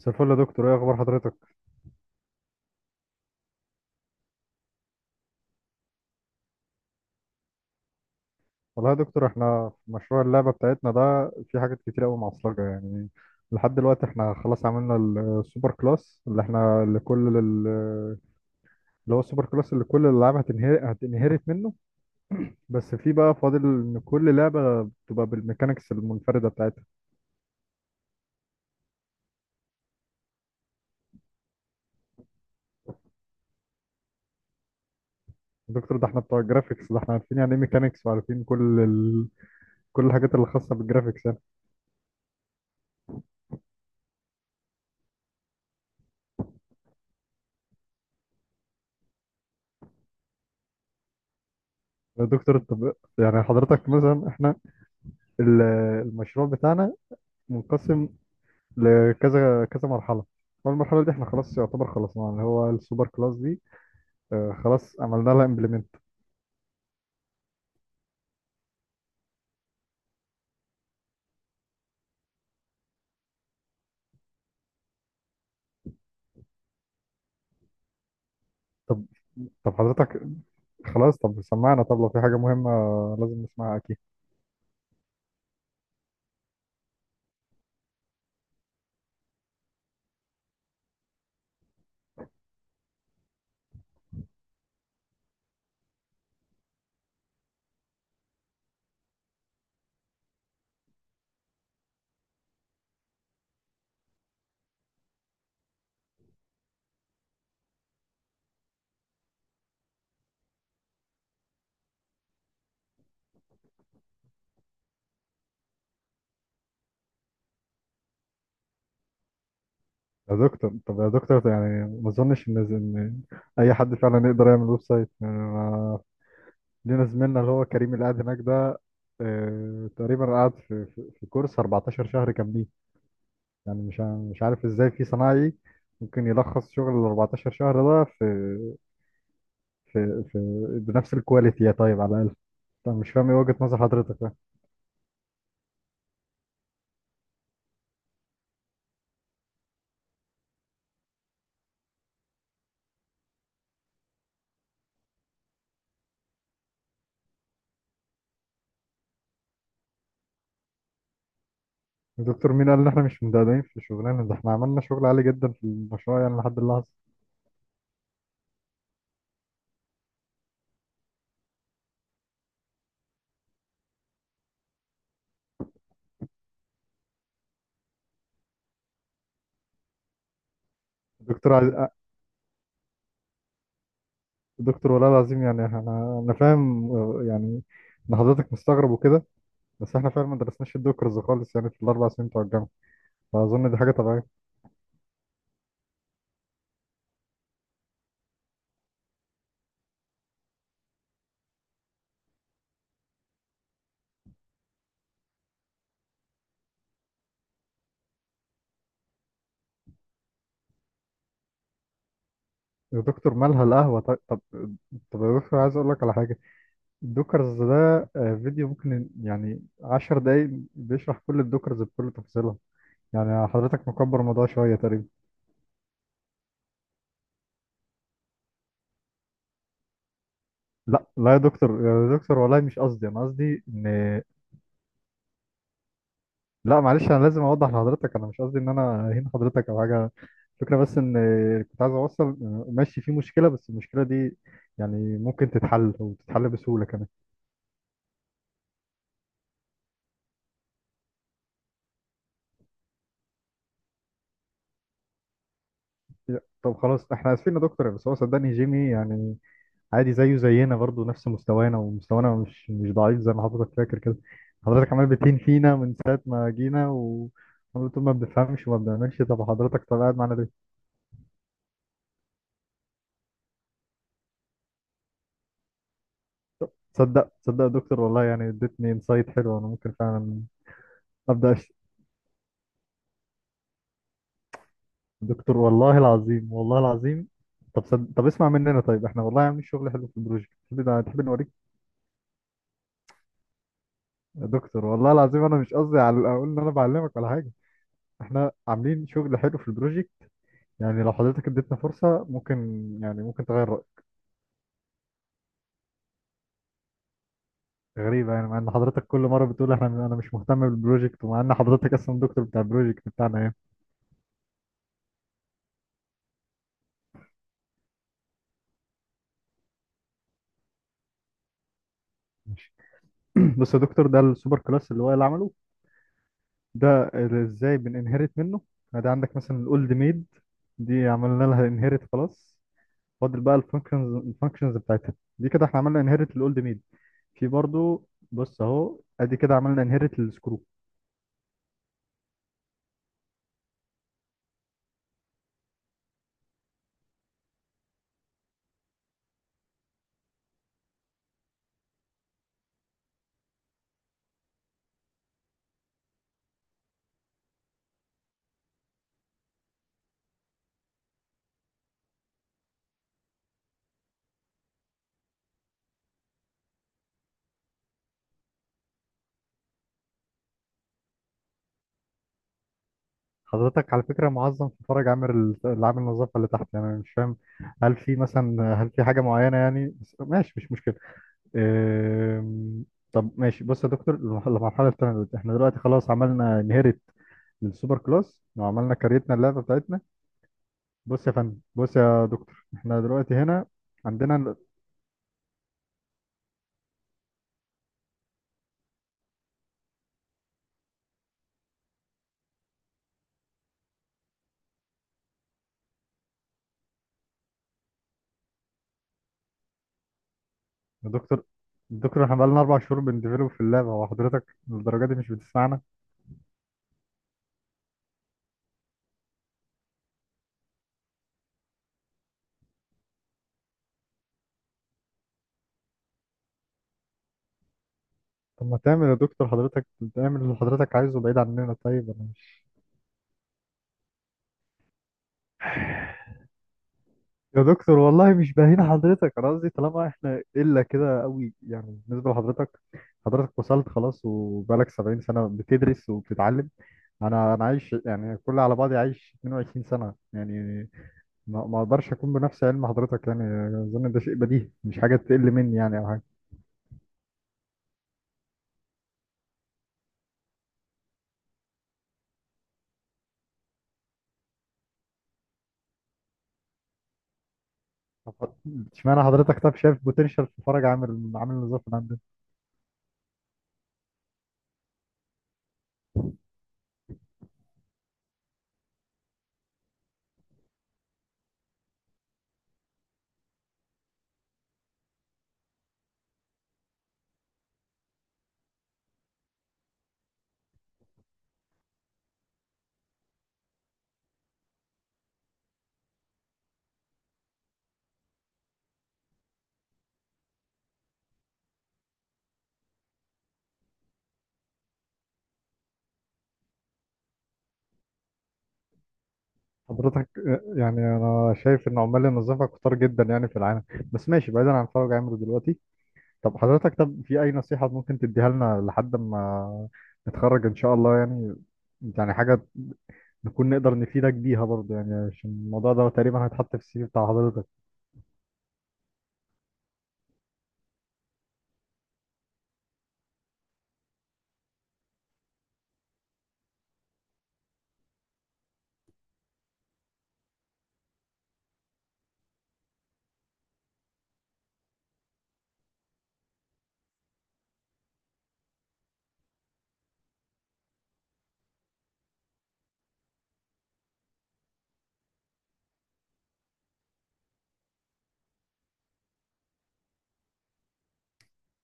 مساء الفل يا دكتور، ايه اخبار حضرتك؟ والله يا دكتور احنا في مشروع اللعبه بتاعتنا ده في حاجات كتير قوي معصلجه يعني. لحد دلوقتي احنا خلاص عملنا السوبر كلاس اللي احنا لكل ال- اللي هو السوبر كلاس اللي كل الالعاب هتنهرت منه. بس في بقى فاضل ان كل لعبه بتبقى بالميكانيكس المنفرده بتاعتها. يا دكتور ده احنا بتوع الجرافيكس، ده احنا عارفين يعني ايه ميكانيكس وعارفين كل الحاجات اللي خاصه بالجرافيكس يعني. يا دكتور طب، يعني حضرتك مثلا احنا ال- المشروع بتاعنا منقسم لكذا كذا مرحله، والمرحله دي احنا خلاص يعتبر خلصناها اللي هو السوبر كلاس دي. خلاص عملنا لها امبلمنت. طب طب حضرتك، خلاص طب سمعنا، طب لو في حاجه مهمه لازم نسمعها اكيد. يا دكتور طب، يا دكتور، يعني ما اظنش ان اي حد فعلا يقدر يعمل ويب سايت يعني لينا زميلنا اللي هو كريم اللي قاعد هناك ده. تقريبا قعد في كورس 14 شهر كاملين. يعني مش عارف ازاي في صنايعي ممكن يلخص شغل ال 14 شهر ده في بنفس الكواليتي يا طيب على الأقل. طب مش فاهم ايه وجهة نظر حضرتك بقى. الدكتور مين قال ان احنا مش مدقدقين في الشغلانة؟ ده احنا عملنا شغل عالي جدا في المشروع يعني لحد اللحظة. دكتور عز... دكتور والله العظيم، يعني انا فاهم يعني ان حضرتك مستغرب وكده، بس احنا فعلا ما درسناش الدوكرز خالص يعني في الاربع سنين بتوع الجامعة. فاظن دي حاجة طبيعية. يا دكتور مالها القهوة طيب؟ طب يا دكتور، عايز اقول لك على حاجة. الدوكرز ده فيديو ممكن يعني عشر دقايق بيشرح كل الدوكرز بكل تفصيلها. يعني حضرتك مكبر الموضوع شوية تقريبا. لا لا يا دكتور، يا دكتور والله مش قصدي، أنا قصدي إن... لا معلش، أنا لازم أوضح لحضرتك، أنا مش قصدي إن أنا أهين حضرتك أو حاجة. الفكرة بس إن كنت عايز أوصل، ماشي في مشكلة، بس المشكلة دي يعني ممكن تتحل وتتحل بسهولة كمان. طب خلاص إحنا آسفين يا دكتور، بس هو صدقني جيمي يعني عادي زيه زينا برضو نفس مستوانا، ومستوانا مش ضعيف زي ما حضرتك فاكر كده. حضرتك عمال بتهين فينا من ساعة ما جينا و عمال تقول ما بنفهمش وما بنعملش. طب حضرتك طب قاعد معانا ليه؟ تصدق يا دكتور والله، يعني اديتني انسايت حلو، انا ممكن فعلا... ابدا أشت... دكتور والله العظيم والله العظيم. طب اسمع مننا طيب، احنا والله عاملين شغل حلو في البروجكت، تحب نوريك؟ يا دكتور والله العظيم، انا مش قصدي على اقول ان انا بعلمك ولا حاجه. احنا عاملين شغل حلو في البروجكت، يعني لو حضرتك اديتنا فرصة ممكن يعني ممكن تغير رأيك. غريبة يعني، مع ان حضرتك كل مرة بتقول احنا انا مش مهتم بالبروجكت، ومع ان حضرتك اصلا دكتور بتاع البروجكت بتاعنا يعني. ماشي. بص يا دكتور، ده السوبر كلاس اللي هو اللي عمله ده، اللي ازاي بننهرت منه. يعني ده عندك مثلا الاولد ميد، دي عملنا لها انهرت خلاص. فاضل بقى الفانكشنز بتاعتها دي كده. احنا عملنا انهرت الاولد ميد. في برضو بص اهو ادي كده عملنا انهرت السكرو. حضرتك على فكرة، معظم في فرج عامل النظافة اللي تحت يعني، أنا مش فاهم. هل في مثلا هل في حاجة معينة يعني؟ بس ماشي مش مشكلة. أم، طب ماشي. بص يا دكتور، المرحلة التانية دلوقتي، احنا دلوقتي خلاص عملنا انهيرت للسوبر كلاس، وعملنا كريتنا اللعبة بتاعتنا. بص يا فندم، بص يا دكتور احنا دلوقتي هنا، عندنا يا دكتور، دكتور احنا بقالنا أربع شهور بنديفلوب في اللعبة، وحضرتك للدرجة دي مش بتسمعنا. طب ما تعمل يا دكتور، حضرتك تعمل اللي حضرتك عايزه بعيد عننا. طيب أنا، يا دكتور والله مش باهين حضرتك، انا قصدي طالما احنا قله كده قوي يعني بالنسبه لحضرتك. حضرتك وصلت خلاص وبقالك 70 سنه بتدرس وبتتعلم. انا عايش يعني كل على بعضي عايش 22 سنه يعني، ما اقدرش اكون بنفس علم حضرتك يعني. اظن ده شيء بديهي، مش حاجه تقل مني يعني او حاجه. طب اشمعنى حضرتك طب شايف بوتنشال في فرج عامل النظافه اللي عندنا؟ حضرتك يعني انا شايف ان عمال النظافه كتار جدا يعني في العالم. بس ماشي بعيدا عن فرج عامل دلوقتي. طب حضرتك، طب في أي نصيحة ممكن تديها لنا لحد ما نتخرج إن شاء الله يعني، يعني حاجة نكون نقدر نفيدك بيها برضه يعني عشان الموضوع ده تقريبا هيتحط في السي في بتاع حضرتك.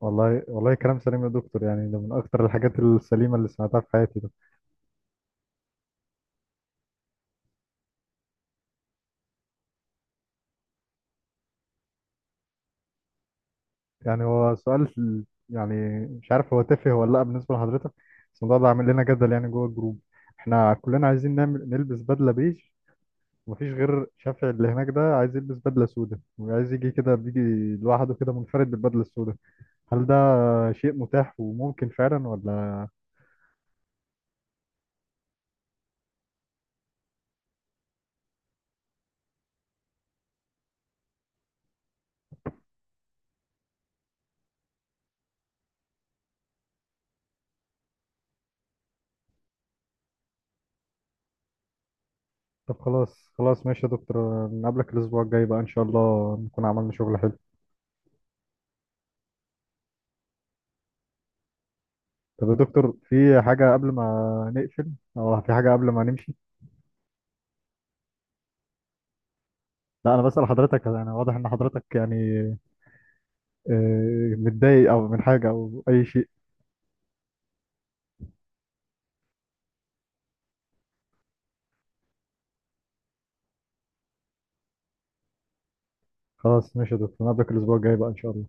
والله والله كلام سليم يا دكتور، يعني ده من أكتر الحاجات السليمة اللي سمعتها في حياتي ده. يعني هو سؤال يعني مش عارف هو تافه ولا لأ بالنسبة لحضرتك، بس الموضوع ده عامل لنا جدل يعني جوه الجروب. احنا كلنا عايزين نعمل نلبس بدلة بيج، مفيش غير شافعي اللي هناك ده عايز يلبس بدلة سوداء وعايز يجي كده بيجي لوحده كده منفرد بالبدلة السوداء. هل ده شيء متاح وممكن فعلا ولا؟ طب خلاص خلاص ماشي يا دكتور، نقابلك الأسبوع الجاي بقى إن شاء الله نكون عملنا شغل حلو. طب يا دكتور، في حاجة قبل ما نقفل أو في حاجة قبل ما نمشي؟ لا أنا بسأل حضرتك، أنا واضح إن حضرتك يعني متضايق أو من حاجة أو أي شيء. خلاص ماشي يا دكتور، نقابلك الأسبوع الجاي بقى إن شاء الله.